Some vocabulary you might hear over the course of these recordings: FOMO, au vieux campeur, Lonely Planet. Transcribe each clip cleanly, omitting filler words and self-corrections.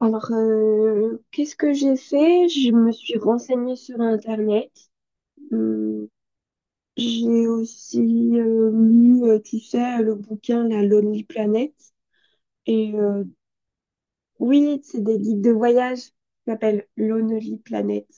Alors, qu'est-ce que j'ai fait? Je me suis renseignée sur Internet. Hum, j'ai aussi lu, tu sais, le bouquin La Lonely Planet. Et oui, c'est des guides de voyage qui s'appellent Lonely Planet.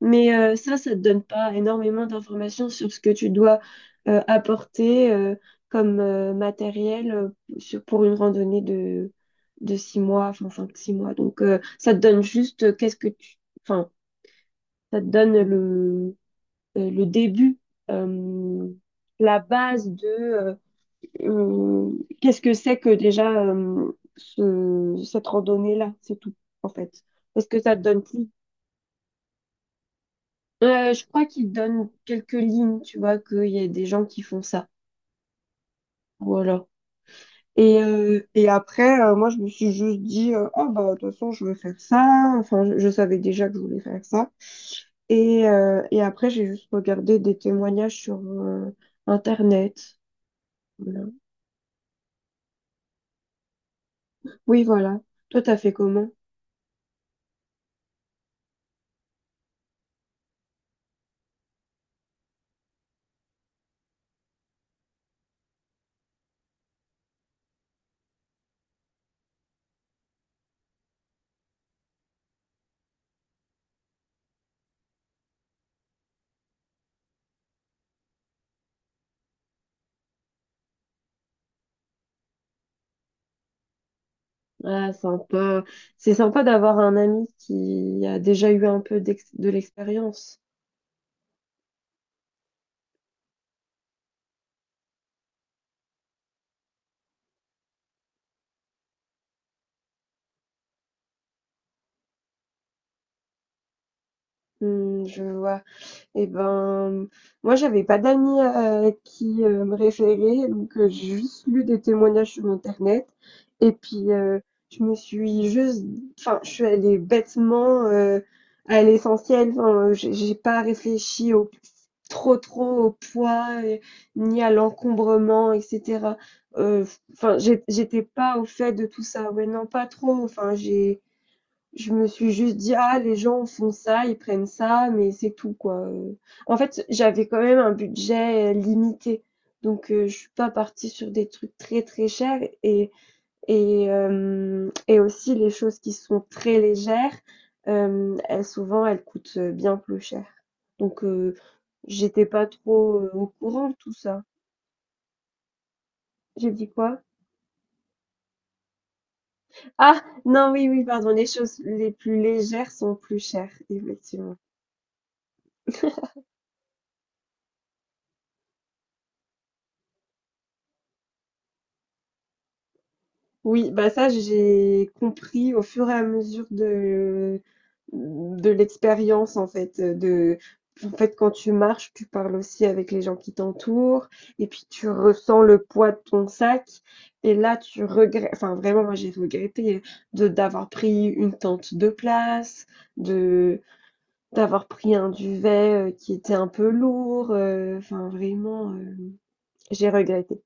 Mais ça te donne pas énormément d'informations sur ce que tu dois apporter comme matériel pour une randonnée de 6 mois, enfin 5, 6 mois. Donc ça te donne juste qu'est-ce que tu... Enfin, ça te donne le début, euh, la base de euh, qu'est-ce que c'est que déjà cette randonnée-là, c'est tout, en fait. Parce que ça te donne plus... je crois qu'ils donnent quelques lignes, tu vois, qu'il y a des gens qui font ça. Voilà. Et après, moi, je me suis juste dit, oh, bah, de toute façon, je veux faire ça. Enfin, je savais déjà que je voulais faire ça. Et après, j'ai juste regardé des témoignages sur Internet. Voilà. Oui, voilà. Toi, t'as fait comment? Ah, sympa. C'est sympa d'avoir un ami qui a déjà eu un peu de l'expérience. Je vois. Et ben, moi, j'avais pas d'amis qui me référaient, donc j'ai juste lu des témoignages sur Internet. Et puis, je me suis juste, enfin, je suis allée bêtement à l'essentiel. Enfin, j'ai pas réfléchi trop, trop au poids, ni à l'encombrement, etc. Euh, Enfin, j'étais pas au fait de tout ça. Ouais, non, pas trop. Enfin, j'ai je me suis juste dit: «Ah, les gens font ça, ils prennent ça, mais c'est tout, quoi». En fait, j'avais quand même un budget, limité, donc je suis pas partie sur des trucs très, très chers et aussi les choses qui sont très légères, elles souvent, elles coûtent, bien plus cher. Donc j'étais pas trop, au courant de tout ça. J'ai dit quoi? Ah! Non, oui, oui, pardon, les choses les plus légères sont plus chères, effectivement. Oui, bah ça j'ai compris au fur et à mesure de l'expérience, en fait. De En fait, quand tu marches, tu parles aussi avec les gens qui t'entourent, et puis tu ressens le poids de ton sac, et là tu regrettes, enfin, vraiment, moi j'ai regretté de d'avoir pris une tente de place, de d'avoir pris un duvet qui était un peu lourd, enfin, vraiment, j'ai regretté.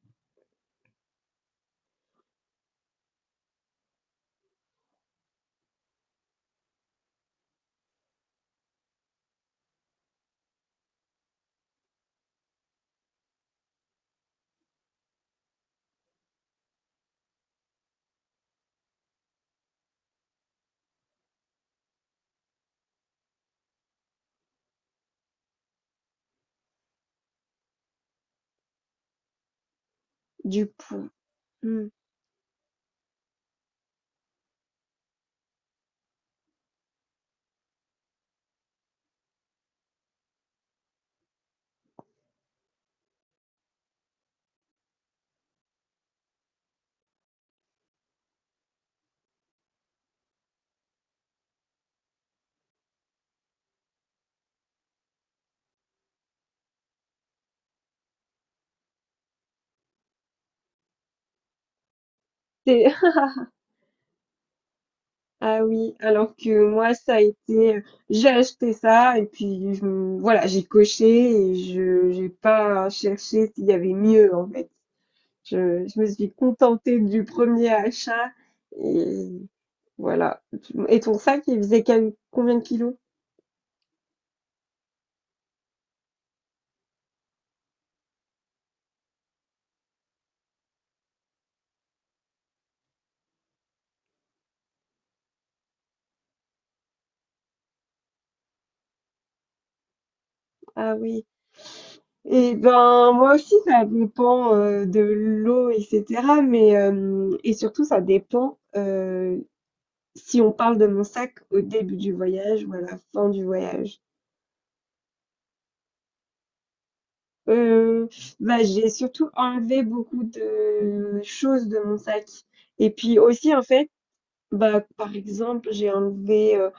Du coup. Hmm. Ah oui, alors que moi, ça a été, j'ai acheté ça et puis voilà, j'ai coché et je j'ai pas cherché s'il y avait mieux en fait. Je me suis contentée du premier achat et voilà. Et ton sac, il faisait combien de kilos? Ah oui. Et ben moi aussi, ça dépend de l'eau, etc. Mais et surtout, ça dépend si on parle de mon sac au début du voyage ou à la fin du voyage. Heu, Bah, j'ai surtout enlevé beaucoup de choses de mon sac, et puis aussi, en fait, bah, par exemple, j'ai enlevé, heu,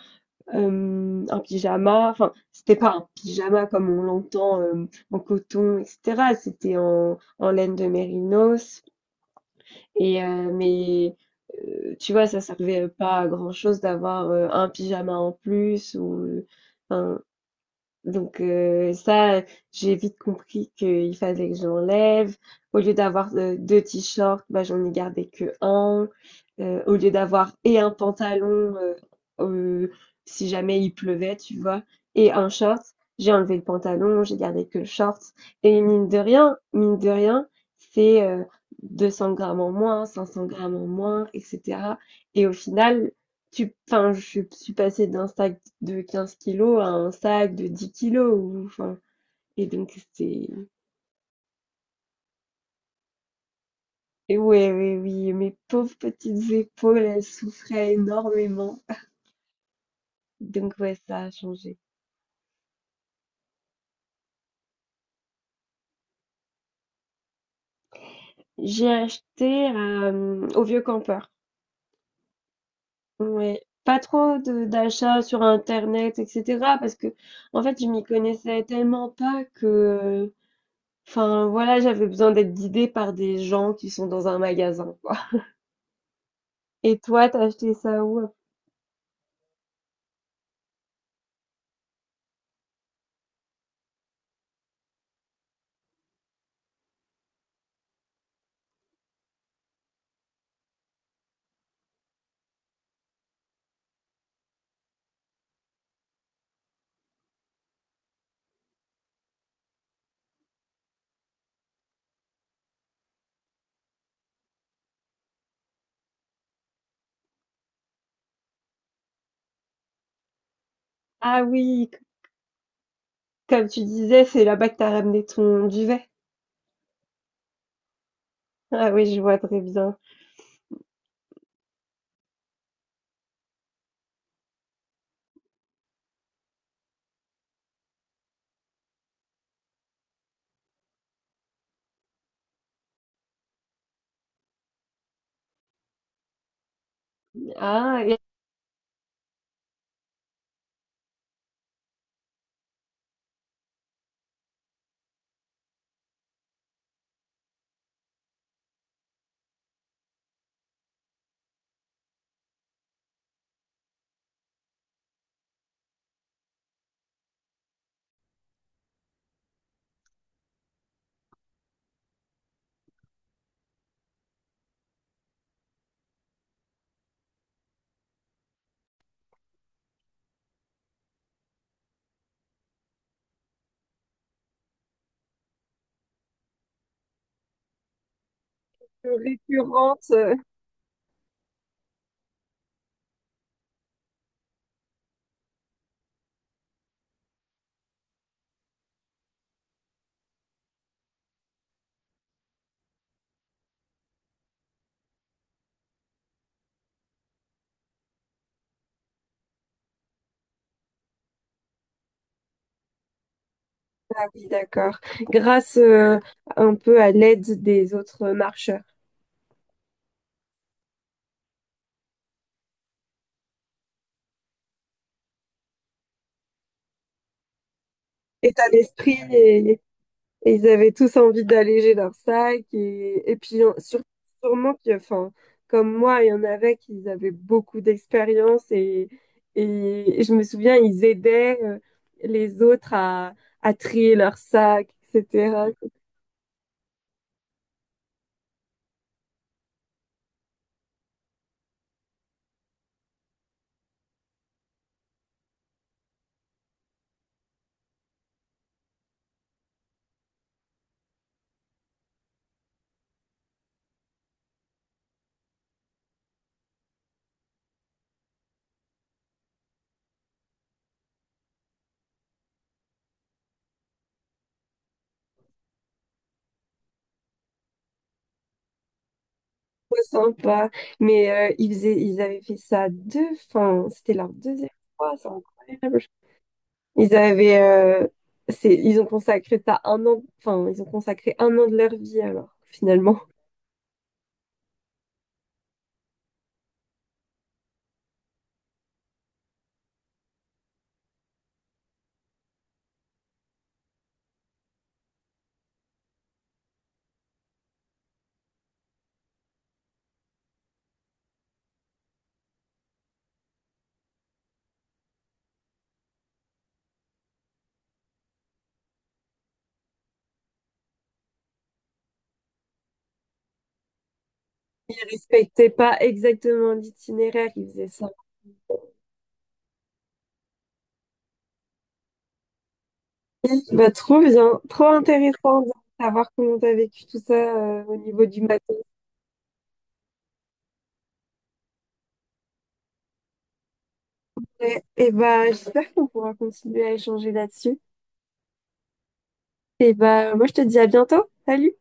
hem, un pyjama, enfin, c'était pas un pyjama comme on l'entend, en coton et cetera, c'était en laine de mérinos et mais, tu vois, ça servait pas à grand chose d'avoir, un pyjama en plus ou, enfin, donc ça, j'ai vite compris qu'il fallait que je l'enlève. Au lieu d'avoir, 2 t-shirts, bah, j'en ai gardé qu'1. Au lieu d'avoir et un pantalon, heu heu, si jamais il pleuvait, tu vois? Et un short, j'ai enlevé le pantalon, j'ai gardé que le short, et mine de rien, c'est, 200 grammes en moins, 500 grammes en moins et cetera, et au final, tu enfin, je suis passée d'Instag de 15 kilos à un sac de 10 kilos. Ou, enfin, et donc, c'est. Et ouais, ouais, oui, mes pauvres petites épaules, elles souffraient énormément. Donc, ouais, ça a changé. J'ai acheté au Vieux Campeur. Ouais. Pas trop d'achats sur Internet, etc. Parce que, en fait, je m'y connaissais tellement pas que. Enfin, voilà, j'avais besoin d'être guidée par des gens qui sont dans un magasin, quoi. Et toi, t'as acheté ça où? Ah oui, comme tu disais, c'est là-bas que tu as ramené ton duvet. Ah oui, je vois très bien. Ah, et... Ah oui, d'accord. Grâce un peu à l'aide des autres marcheurs. État d'esprit, et ils avaient tous envie d'alléger leur sac. Et puis sûrement que, enfin, comme moi, il y en avait qui avaient beaucoup d'expérience et je me souviens, ils aidaient les autres à trier leur sac, etc. Trop sympa. Mais ils faisaient, ils avaient fait ça deux, enfin, c'était leur deuxième fois, c'est incroyable. Ils avaient, c'est, ils ont consacré ça un an, enfin, ils ont consacré un an de leur vie alors, finalement. Ils respectaient pas exactement l'itinéraire, ils faisaient ça. Bah, trop bien, trop intéressant de savoir comment t'as vécu tout ça au niveau du matériel. Et bah, j'espère qu'on pourra continuer à échanger là-dessus. Et bah, moi, je te dis à bientôt. Salut!